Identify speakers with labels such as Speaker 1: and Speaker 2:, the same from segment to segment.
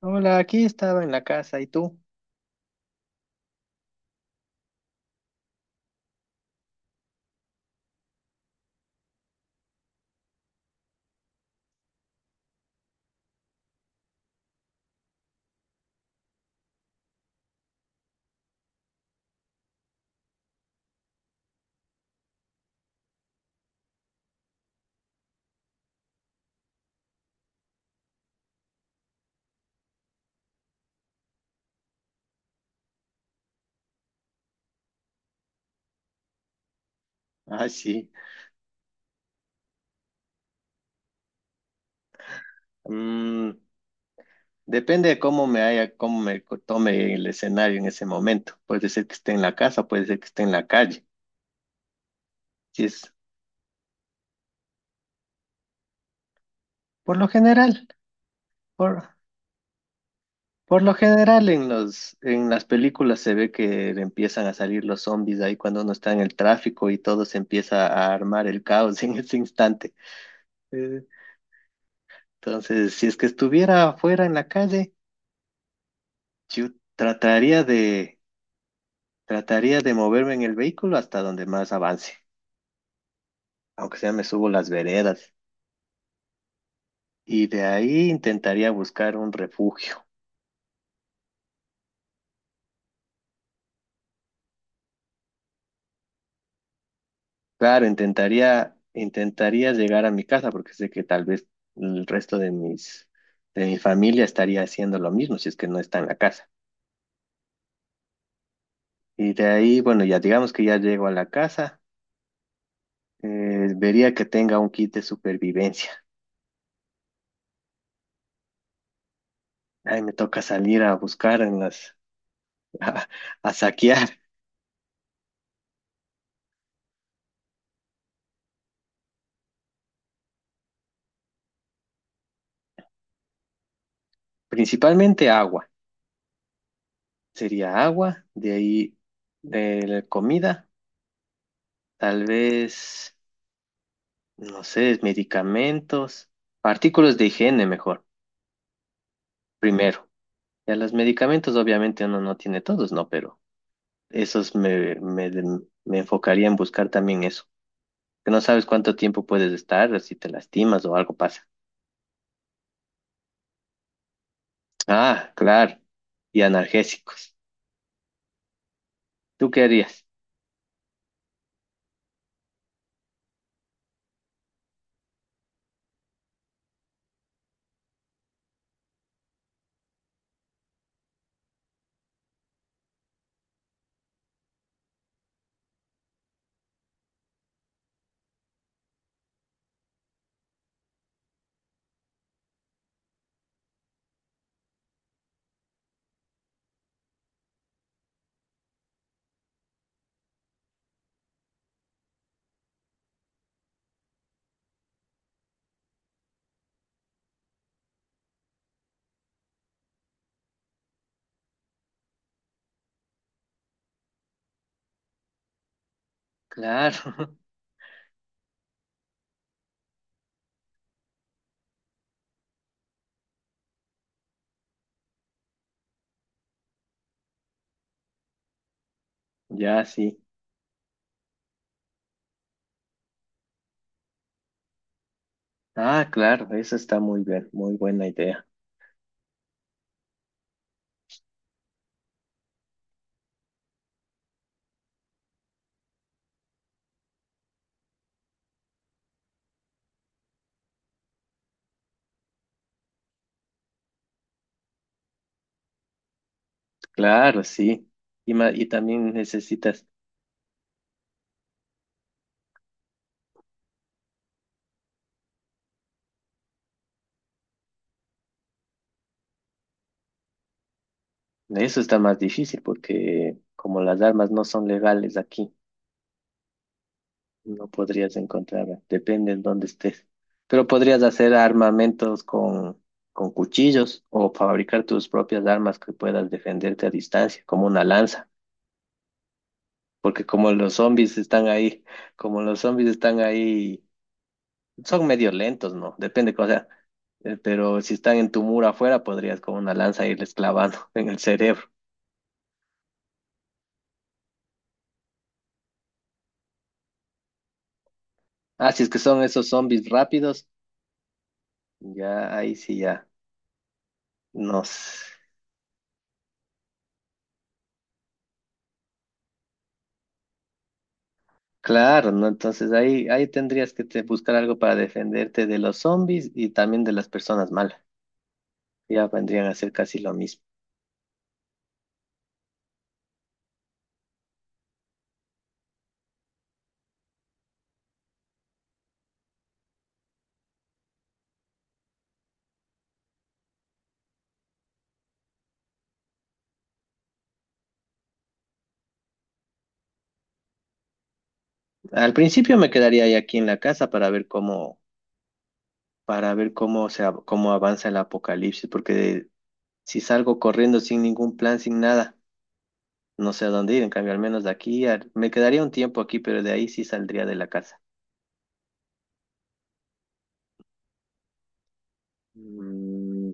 Speaker 1: Hola, aquí estaba en la casa, ¿y tú? Ah, sí. Mm, Depende de cómo me haya, cómo tome el escenario en ese momento. Puede ser que esté en la casa, puede ser que esté en la calle. Si es, por lo general, por, por lo general en en las películas se ve que empiezan a salir los zombies ahí cuando uno está en el tráfico y todo se empieza a armar el caos en ese instante. Eh, Entonces, si es que estuviera afuera en la calle, yo trataría de trataría de moverme en el vehículo hasta donde más avance, aunque sea me subo las veredas, y de ahí intentaría buscar un refugio. Claro, intentaría llegar a mi casa porque sé que tal vez el resto de mi familia estaría haciendo lo mismo si es que no está en la casa. Y de ahí, bueno, ya digamos que ya llego a la casa, vería que tenga un kit de supervivencia. Ahí me toca salir a buscar en a a saquear, principalmente agua. Sería agua, de ahí de la comida, tal vez, no sé, medicamentos, artículos de higiene mejor, primero. Ya los medicamentos obviamente uno no tiene todos, ¿no? Pero esos me, me, me enfocaría en buscar también eso, que no sabes cuánto tiempo puedes estar, si te lastimas o algo pasa. Ah, claro, y analgésicos. ¿Tú qué harías? Claro. Ya, sí. Ah, claro, eso está muy bien, muy buena idea. Claro, sí. Y también necesitas... Eso está más difícil porque como las armas no son legales aquí, no podrías encontrarlas, depende en dónde estés. Pero podrías hacer armamentos con cuchillos, o fabricar tus propias armas que puedas defenderte a distancia, como una lanza, porque como los zombies están ahí, son medio lentos, ¿no? Depende, o sea, pero si están en tu muro afuera, podrías con una lanza irles clavando en el cerebro. Ah, si es que son esos zombies rápidos, ya ahí sí ya nos... Claro, ¿no? Entonces ahí, ahí tendrías que buscar algo para defenderte de los zombies y también de las personas malas. Ya vendrían a ser casi lo mismo. Al principio me quedaría ahí aquí en la casa para ver cómo cómo avanza el apocalipsis, porque si salgo corriendo sin ningún plan, sin nada, no sé a dónde ir. En cambio, al menos de aquí, me quedaría un tiempo aquí, pero de ahí sí saldría de la casa. Mm,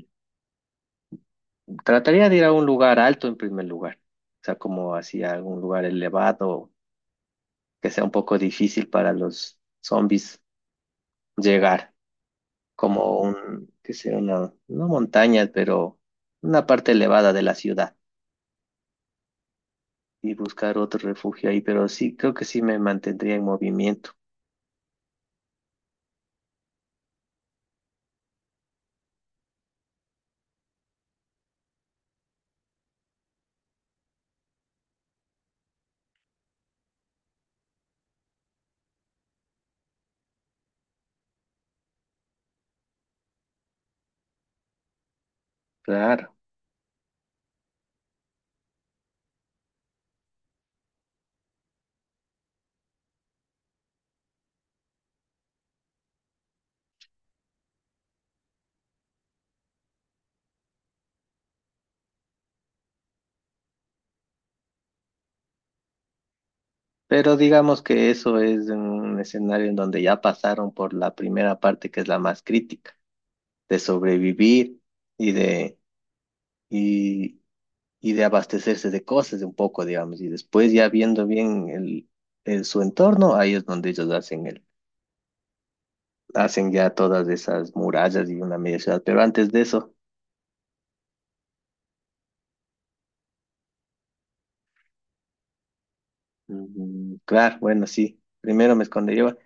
Speaker 1: Trataría de ir a un lugar alto en primer lugar, o sea, como hacia algún lugar elevado que sea un poco difícil para los zombies llegar, como un, que sea una, no montaña, pero una parte elevada de la ciudad, y buscar otro refugio ahí, pero sí, creo que sí me mantendría en movimiento, claro. Pero digamos que eso es un escenario en donde ya pasaron por la primera parte que es la más crítica, de sobrevivir y de y de abastecerse de cosas de un poco, digamos, y después ya viendo bien su entorno, ahí es donde ellos hacen hacen ya todas esas murallas y una media ciudad. Pero antes de eso, claro, bueno, sí, primero me escondería,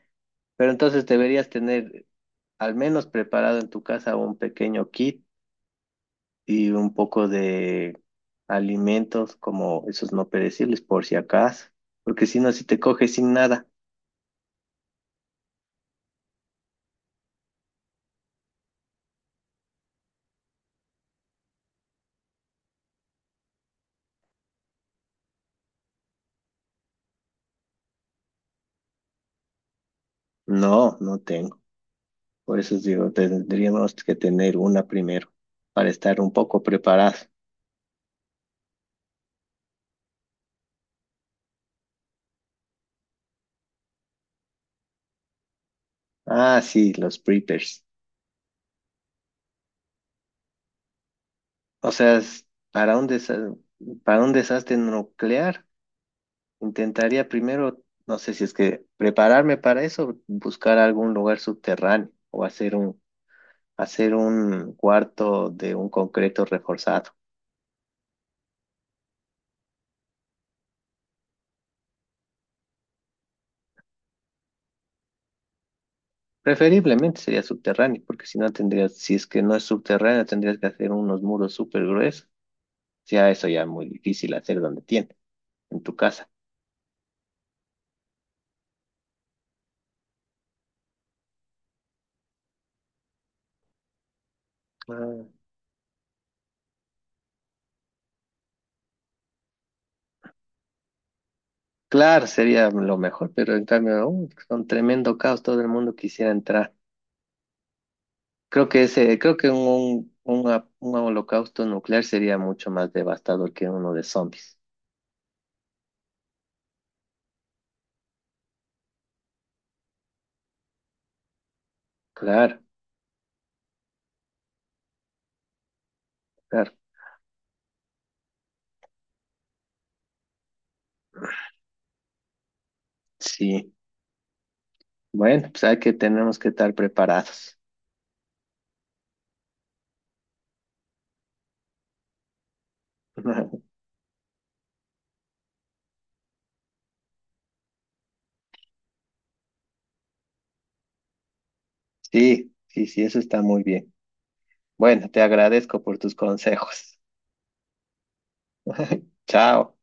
Speaker 1: pero entonces deberías tener al menos preparado en tu casa un pequeño kit y un poco de alimentos como esos no perecibles por si acaso, porque si no, si te coges sin nada... No, no tengo. Por eso os digo, tendríamos que tener una primero para estar un poco preparados. Ah, sí, los preppers. O sea, para un desa- para un desastre nuclear, intentaría primero, no sé si es que prepararme para eso, buscar algún lugar subterráneo o hacer hacer un cuarto de un concreto reforzado. Preferiblemente sería subterráneo, porque si no tendrías, si es que no es subterráneo, tendrías que hacer unos muros súper gruesos. Ya eso ya es muy difícil hacer donde tiene... En tu casa. Ah, claro, sería lo mejor, pero en cambio, son tremendo caos, todo el mundo quisiera entrar. Creo que un holocausto nuclear sería mucho más devastador que uno de zombies. Claro, claro, sí. Bueno, tenemos que estar preparados. Sí, sí, sí, eso está muy bien. Bueno, te agradezco por tus consejos. Chao.